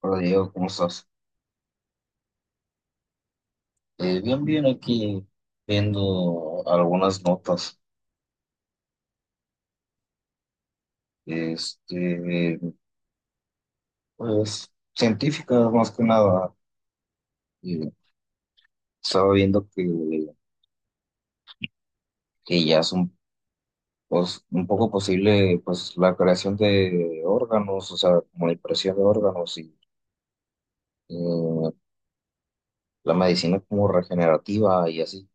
Hola Diego, ¿cómo estás? Bien, bien, aquí viendo algunas notas, este, pues científicas más que nada. Eh, Estaba viendo que ya es un poco posible pues la creación de órganos, o sea, como la impresión de órganos y eh, la medicina como regenerativa y así.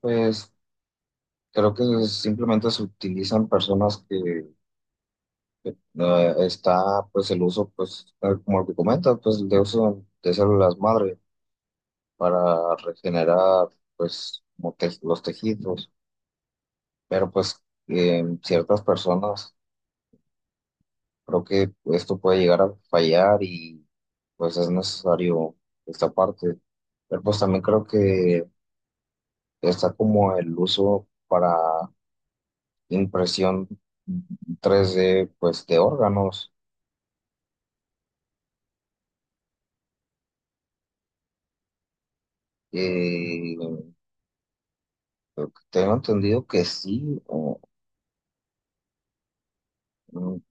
Pues creo que simplemente se utilizan personas. No, está pues el uso, pues tal como lo que comentas, pues de uso de células madre para regenerar pues como los tejidos, pero pues en ciertas personas creo que esto puede llegar a fallar y pues es necesario esta parte, pero pues también creo que está como el uso para impresión 3D pues de órganos. Eh, Tengo entendido que sí. Mm.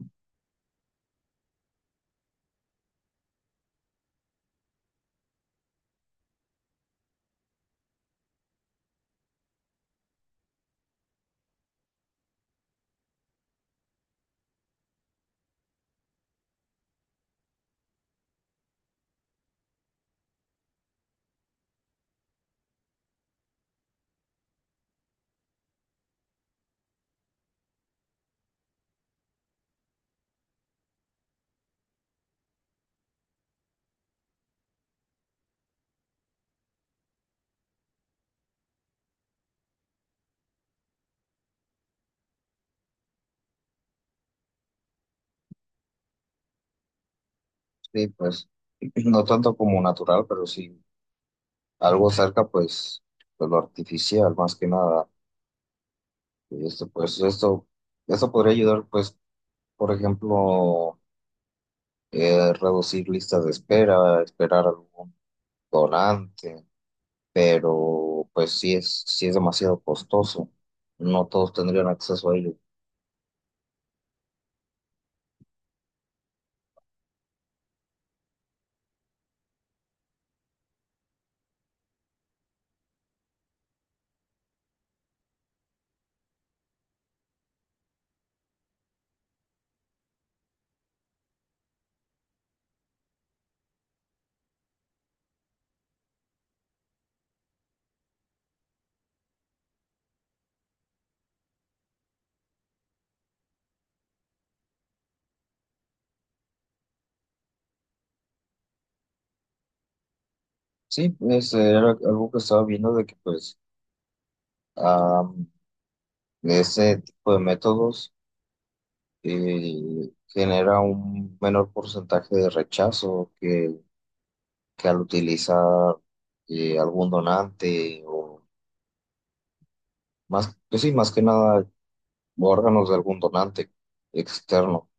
Sí, pues no tanto como natural, pero sí algo cerca, pues, de lo artificial, más que nada. Y pues esto podría ayudar, pues, por ejemplo, reducir listas de espera, esperar algún donante, pero pues sí es demasiado costoso. No todos tendrían acceso a ello. Sí, ese era algo que estaba viendo de que pues ah, ese tipo de métodos, genera un menor porcentaje de rechazo que al utilizar algún donante o más, pues sí, más que nada órganos de algún donante externo.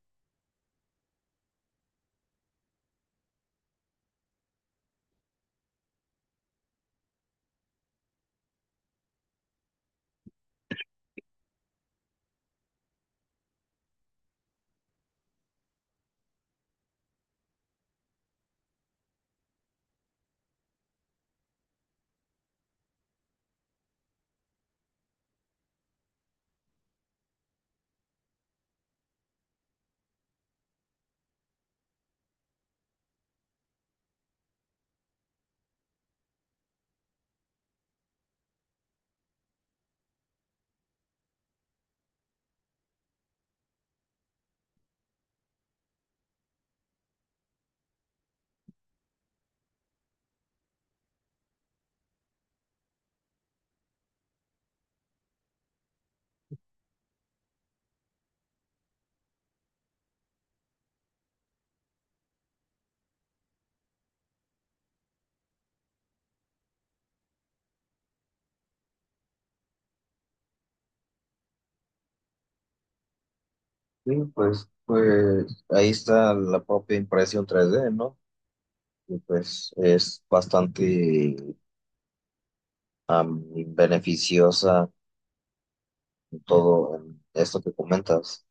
Sí, pues ahí está la propia impresión tres d, ¿no? Y pues es bastante am, beneficiosa en todo en esto que comentas.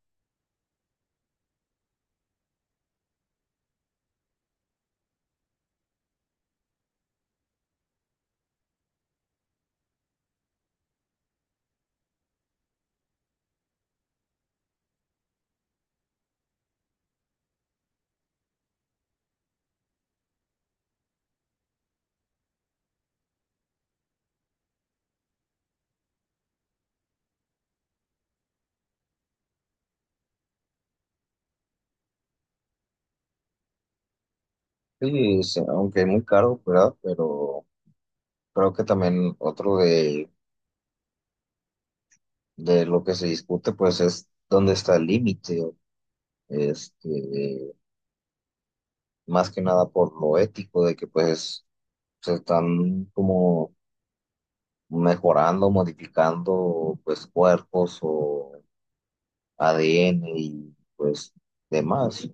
Sí, aunque muy caro, ¿verdad? Pero creo que también otro de lo que se discute, pues es dónde está el límite, este, más que nada por lo ético de que pues se están como mejorando, modificando pues cuerpos o ADN y pues demás.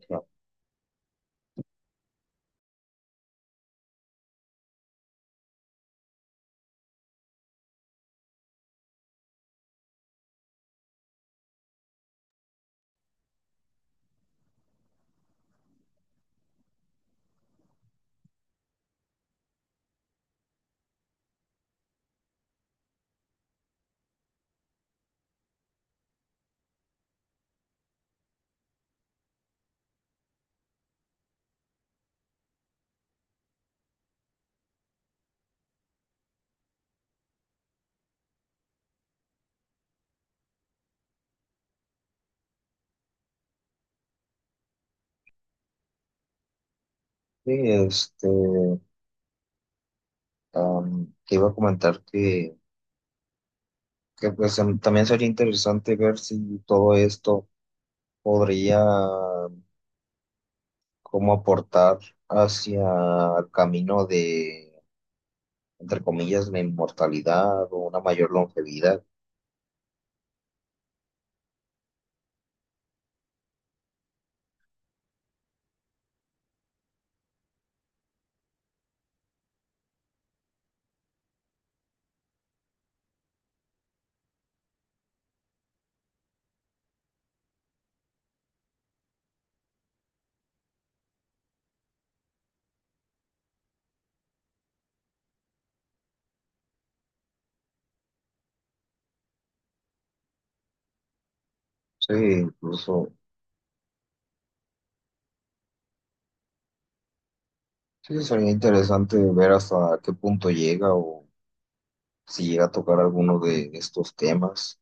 Sí, te iba a comentar que pues también sería interesante ver si todo esto podría como aportar hacia el camino de, entre comillas, la inmortalidad o una mayor longevidad. Sí, incluso, sí, sería interesante ver hasta qué punto llega o si llega a tocar alguno de estos temas,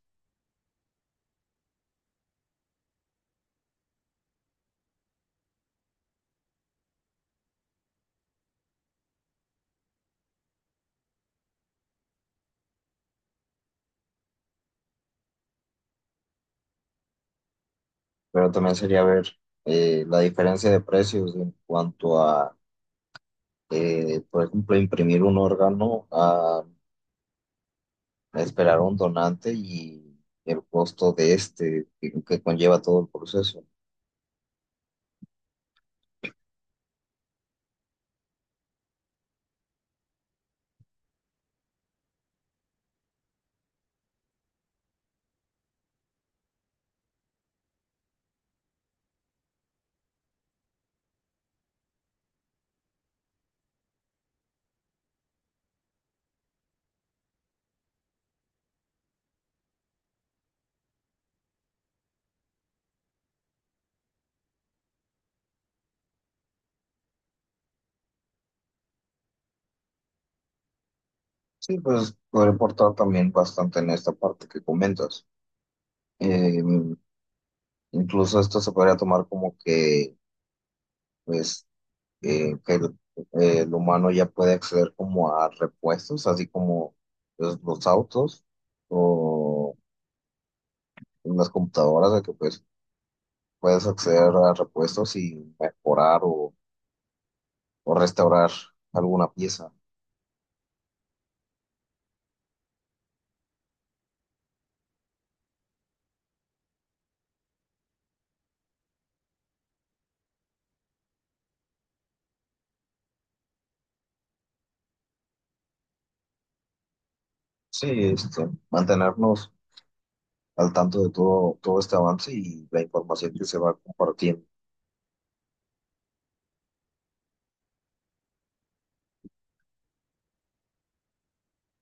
pero también sería ver la diferencia de precios en cuanto a, por ejemplo, imprimir un órgano a esperar a un donante y el costo de este que conlleva todo el proceso. Sí, pues podría aportar también bastante en esta parte que comentas. Eh, Incluso esto se podría tomar como que, pues, que el humano ya puede acceder como a repuestos, así como pues, los autos o las computadoras, de que pues puedes acceder a repuestos y mejorar o, restaurar alguna pieza. Sí, mantenernos al tanto de todo, todo este avance y la información que se va compartiendo.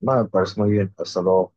No, me parece muy bien. Hasta luego.